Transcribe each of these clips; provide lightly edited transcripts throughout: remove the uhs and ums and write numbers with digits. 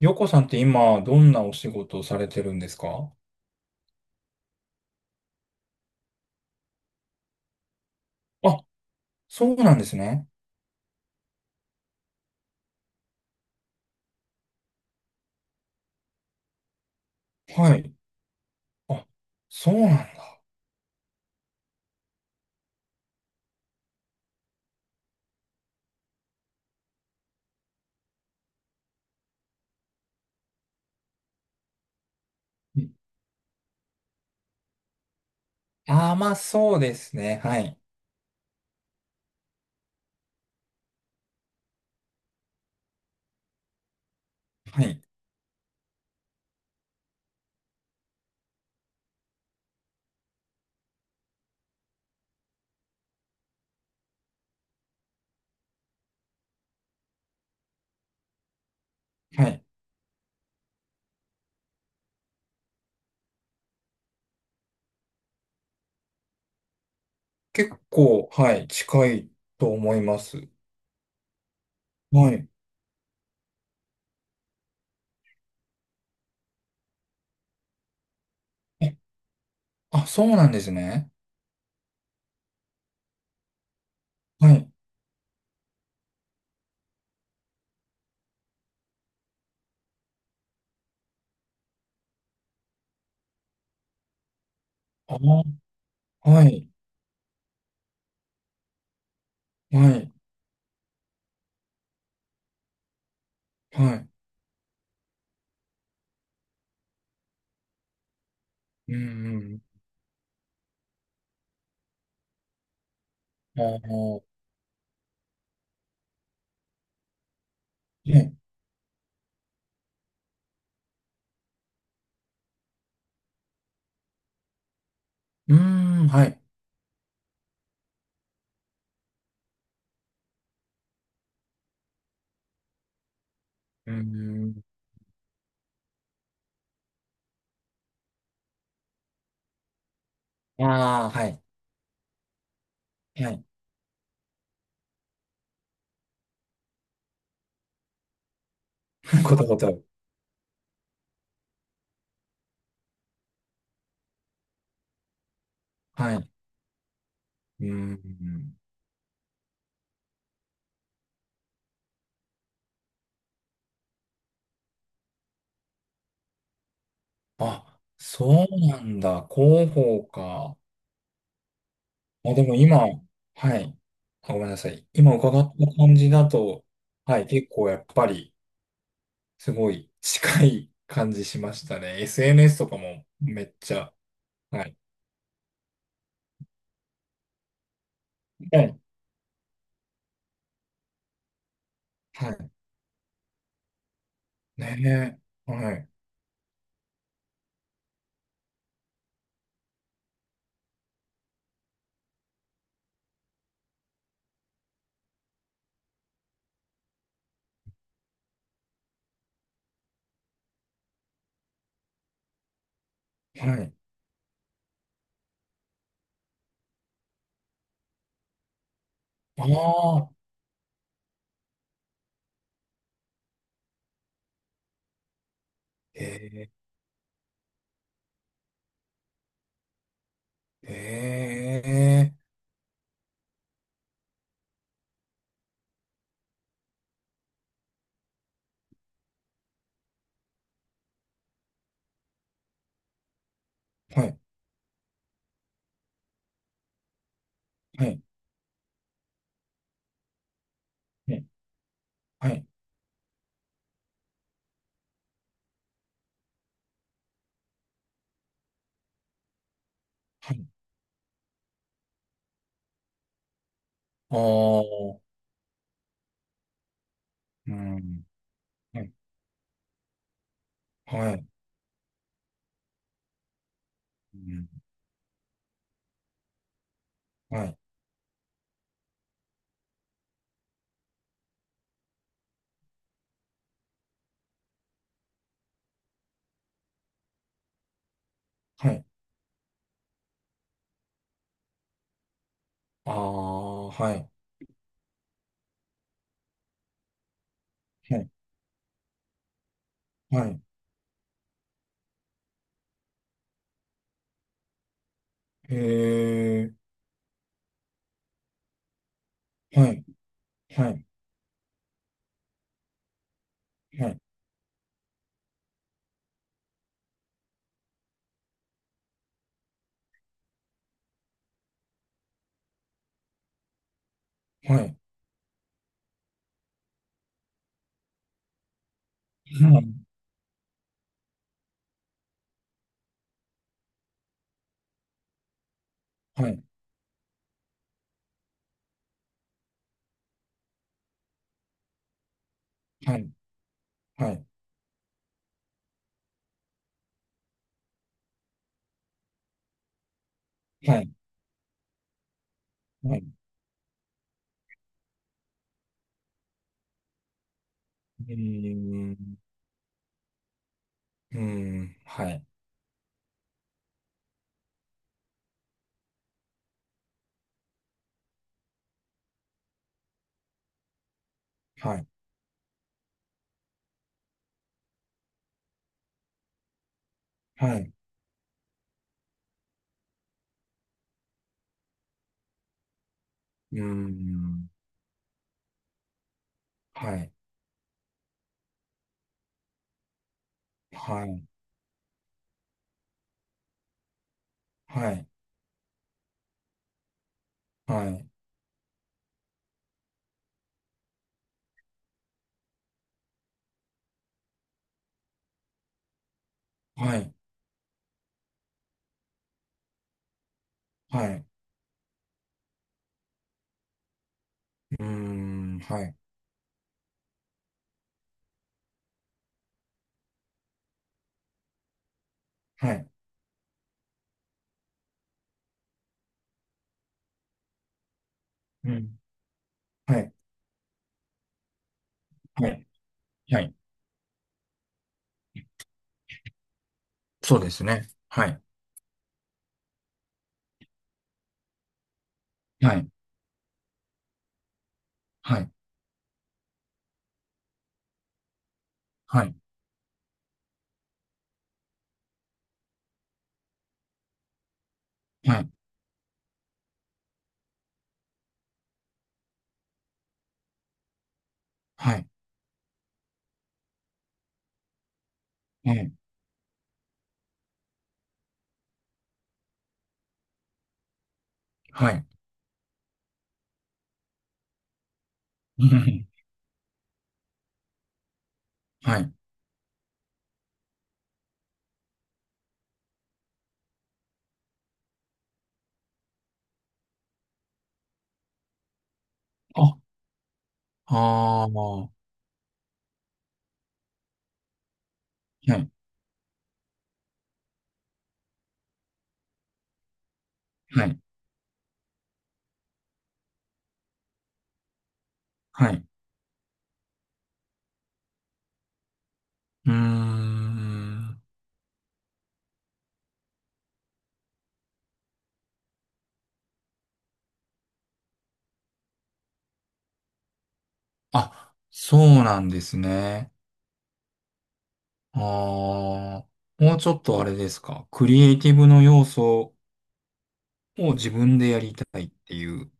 ヨコさんって今、どんなお仕事をされてるんですか？あ、そうなんですね。はい。あ、そうなんだ。う、あ、まあそうですね。はい。はい。はい。結構、はい、近いと思います。はい。え、あ、そうなんですね。はい。あー、はい。はい。はい。うん。うん。あー、ね。うーん、はい。うーん。ああ、はい。はい。ことこと。はい。うーん。あ、そうなんだ。広報か。まあでも今、はい。あ、ごめんなさい。今伺った感じだと、はい、結構やっぱり、すごい近い感じしましたね。SNS とかもめっちゃ、はい。はい。はい。ね。え。はい。はい。ああ。ええ。ええ。はい。はい。はい。はい。はい。ああ。うん。はい。はい。うん。はい。はい。ああ、はい。はい、はい、えはい、はい、はい、はい、はい、はい、はい、はい、はい、はい。うーん、うーん、はい、はい、はい、うーん、はい、はい、はい、はい、はい、はい、うーん、はい、はい、うん、はい、はい、はい、そうですね。はい、はい、はい、はい、はい、はい、はい、はい、はい、あ、ああ、はい、はい。はい。うーん。あ、そうなんですね。ああ、もうちょっとあれですか。クリエイティブの要素を自分でやりたいっていう。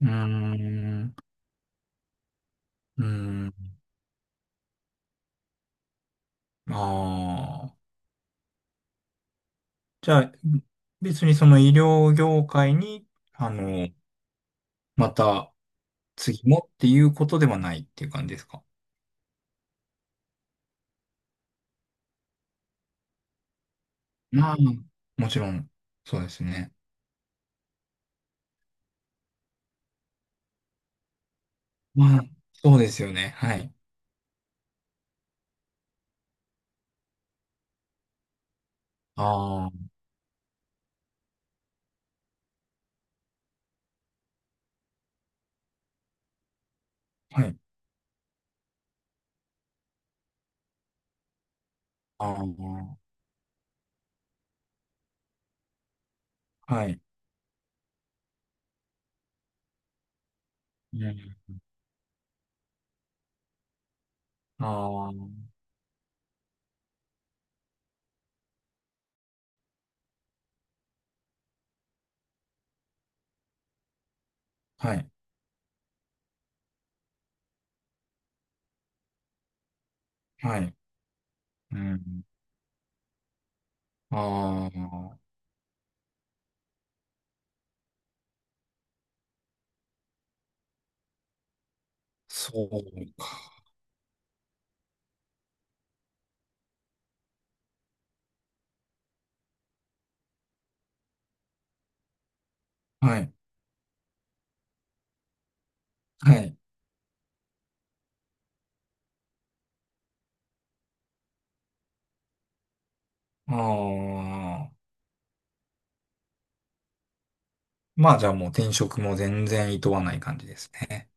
うーん。うーん。ああ。じゃあ、別にその医療業界に、あの、また次もっていうことではないっていう感じですか？まあ、もちろん、そうですね。まあ、そうですよね。はい。ああ、はい。ああ。はい。うん。ああ、はい。はい。うん。ああ、そうか。はい。はい。ああ、まあじゃあもう転職も全然厭わない感じですね。